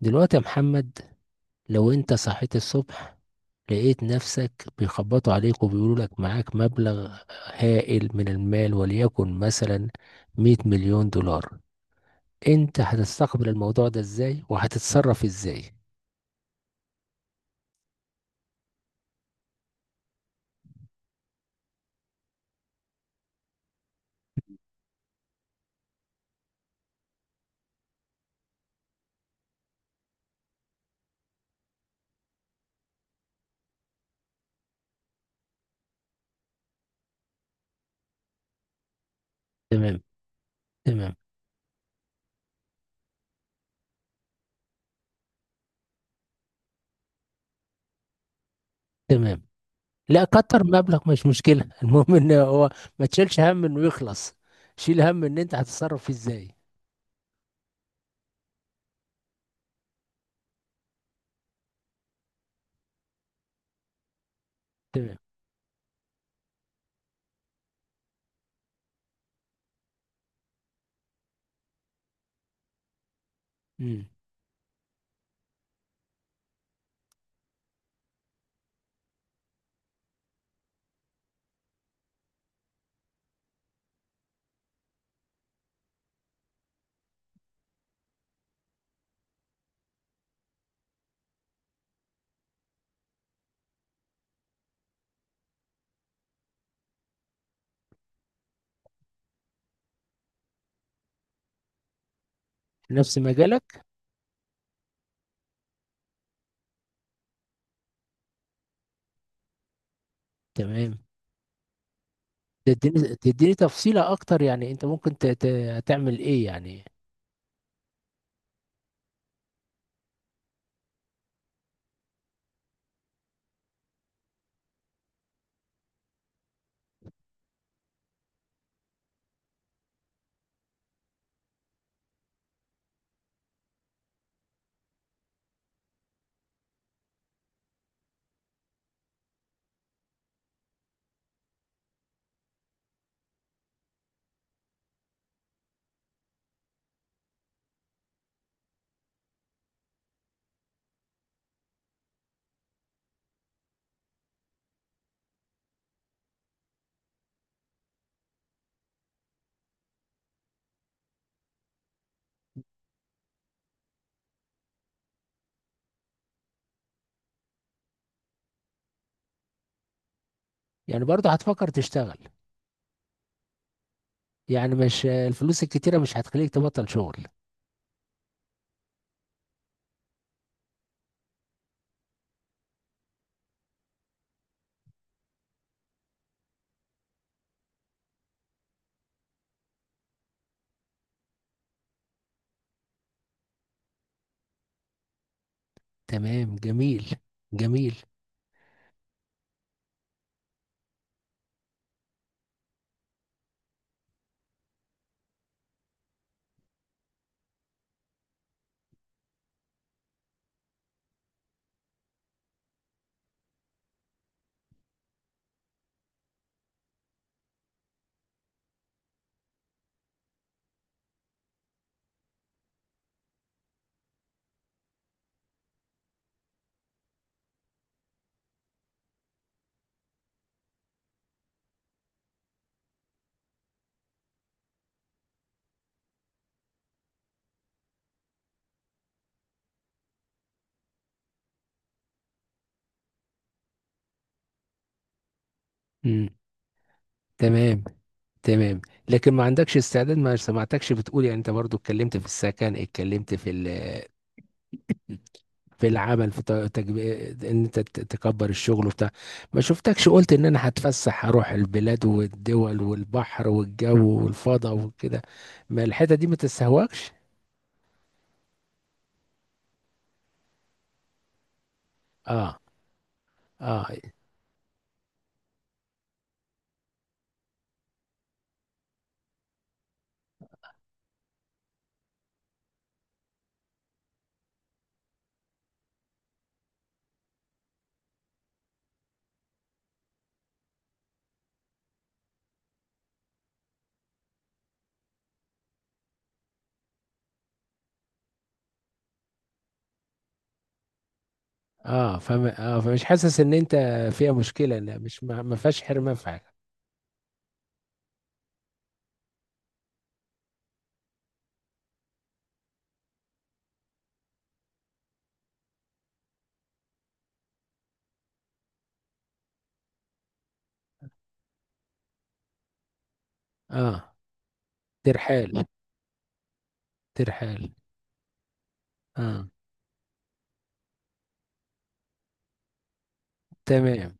دلوقتي يا محمد، لو انت صحيت الصبح لقيت نفسك بيخبطوا عليك وبيقولوا لك معاك مبلغ هائل من المال، وليكن مثلا 100 مليون دولار. انت هتستقبل الموضوع ده ازاي وهتتصرف ازاي؟ تمام، تمام، تمام. لا كتر مبلغ مش مشكلة المهم ان هو ما تشيلش هم انه يخلص. شيل هم ان انت هتتصرف فيه ازاي. تمام. امم. نفس مجالك؟ تمام. تديني تفصيلة أكتر، يعني أنت ممكن تعمل إيه يعني؟ يعني برضه هتفكر تشتغل؟ يعني مش الفلوس الكتيرة مش هتخليك تبطل شغل. تمام، جميل، جميل. امم. تمام، تمام. لكن ما عندكش استعداد. ما سمعتكش بتقول، يعني أنت برضه اتكلمت في السكن، اتكلمت في في العمل، في ان انت تكبر الشغل وبتاع. ما شفتكش قلت ان انا هتفسح، هروح البلاد والدول والبحر والجو والفضاء وكده. ما الحتة دي ما تستهواكش؟ اه، اه، اه. فما اه فمش حاسس ان انت فيها مشكلة؟ لا، مش ما فيهاش حرمان في حاجة. اه. ترحال، ترحال. اه، تمام،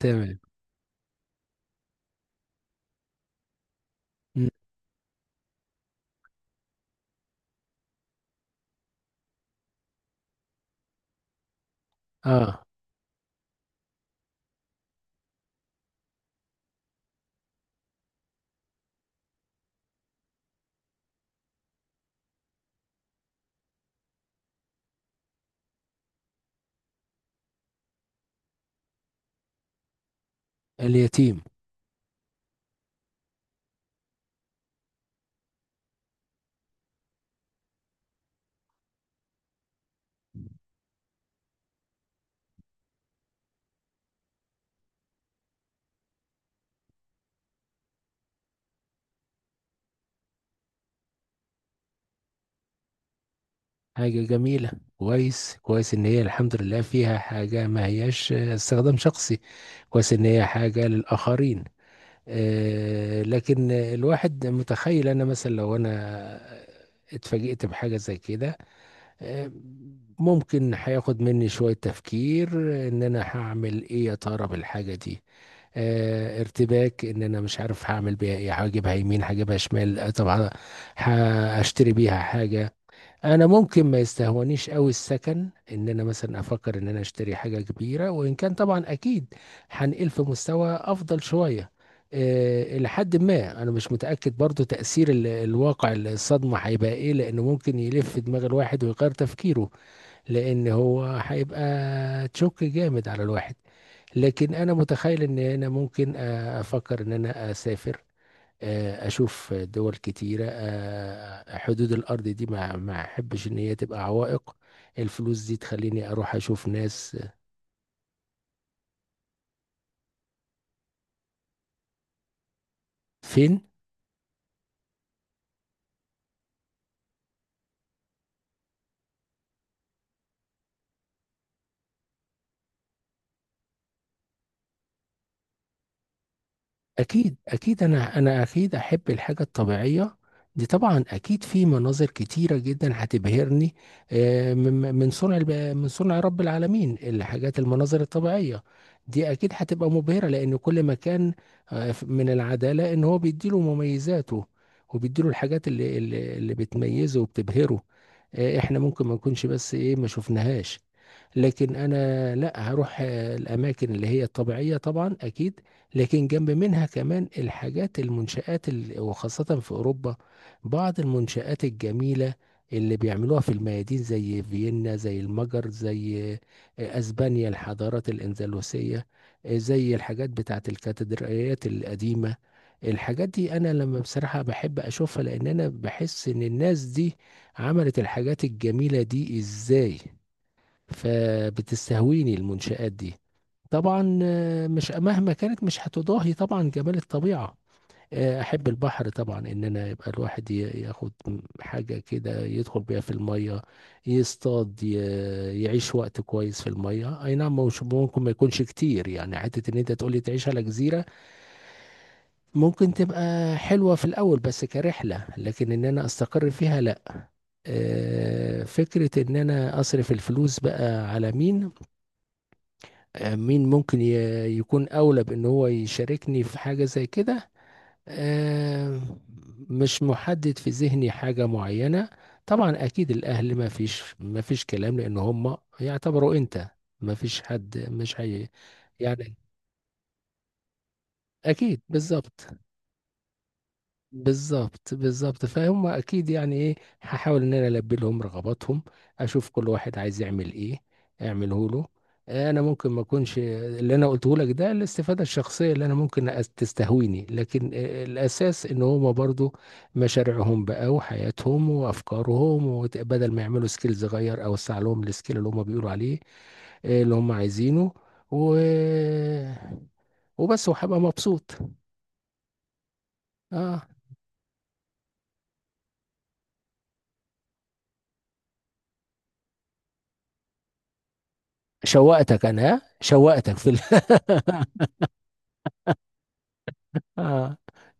تمام. م. اه، اليتيم. حاجة جميلة. كويس، كويس ان هي الحمد لله فيها حاجة ما هياش استخدام شخصي. كويس ان هي حاجة للآخرين. آه، لكن الواحد متخيل انا، مثلا لو انا اتفاجئت بحاجة زي كده. آه ممكن هياخد مني شوية تفكير ان انا هعمل ايه يا ترى بالحاجة دي. ارتباك ان انا مش عارف هعمل بيها ايه، هجيبها يمين هجيبها شمال. طب هشتري بيها حاجة. انا ممكن ما يستهونيش قوي السكن، ان انا مثلا افكر ان انا اشتري حاجه كبيره، وان كان طبعا اكيد هنقل في مستوى افضل شويه. لحد ما انا مش متاكد برضو تاثير الواقع الصدمه هيبقى ايه، لانه ممكن يلف دماغ الواحد ويغير تفكيره، لان هو هيبقى تشوك جامد على الواحد. لكن انا متخيل ان انا ممكن افكر ان انا اسافر، اشوف دول كتيره. حدود الارض دي ما احبش ان هي تبقى عوائق. الفلوس دي تخليني اروح اشوف ناس. فين؟ اكيد، اكيد، انا اكيد احب الحاجه الطبيعيه دي طبعا. اكيد في مناظر كتيره جدا هتبهرني. من صنع رب العالمين. الحاجات المناظر الطبيعيه دي اكيد هتبقى مبهره، لان كل مكان من العداله ان هو بيديله مميزاته، وبيديله الحاجات اللي بتميزه وبتبهره. احنا ممكن ما نكونش، بس ايه، ما شفناهاش. لكن انا لا هروح الاماكن اللي هي الطبيعيه طبعا اكيد. لكن جنب منها كمان الحاجات المنشآت وخاصه في اوروبا، بعض المنشآت الجميله اللي بيعملوها في الميادين، زي فيينا، زي المجر، زي اسبانيا، الحضارات الاندلسيه. زي الحاجات بتاعت الكاتدرائيات القديمه. الحاجات دي انا لما بصراحه بحب اشوفها، لان انا بحس ان الناس دي عملت الحاجات الجميله دي ازاي. فبتستهويني المنشآت دي. طبعا مش مهما كانت مش هتضاهي طبعا جمال الطبيعة. احب البحر طبعا، ان انا يبقى الواحد ياخد حاجة كده يدخل بيها في المية، يصطاد، يعيش وقت كويس في المية. اي نعم، مش ممكن ما يكونش كتير يعني حتة ان انت تقولي تعيش على جزيرة. ممكن تبقى حلوة في الاول بس كرحلة، لكن ان انا استقر فيها لا. فكرة ان انا اصرف الفلوس بقى على مين، مين ممكن يكون أولى بأن هو يشاركني في حاجة زي كده. آه، مش محدد في ذهني حاجة معينة. طبعا أكيد الأهل ما فيش كلام، لأن هم يعتبروا أنت ما فيش حد مش هي، يعني أكيد. بالظبط، بالظبط، بالظبط. فهم اكيد يعني ايه، هحاول ان انا البي لهم رغباتهم، اشوف كل واحد عايز يعمل ايه اعمله له. انا ممكن ما اكونش اللي انا قلته لك ده الاستفاده الشخصيه اللي انا ممكن تستهويني، لكن الاساس ان هم برضو مشاريعهم بقى وحياتهم وافكارهم بدل ما يعملوا سكيل صغير، او اوسع لهم السكيل اللي هم بيقولوا عليه، اللي هم عايزينه. و وبس، وهبقى مبسوط. اه، شوقتك انا، ها؟ اه،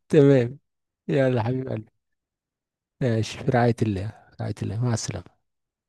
تمام. يلا حبيب قلبي. ماشي، في رعاية الله، في رعاية الله، مع السلامة.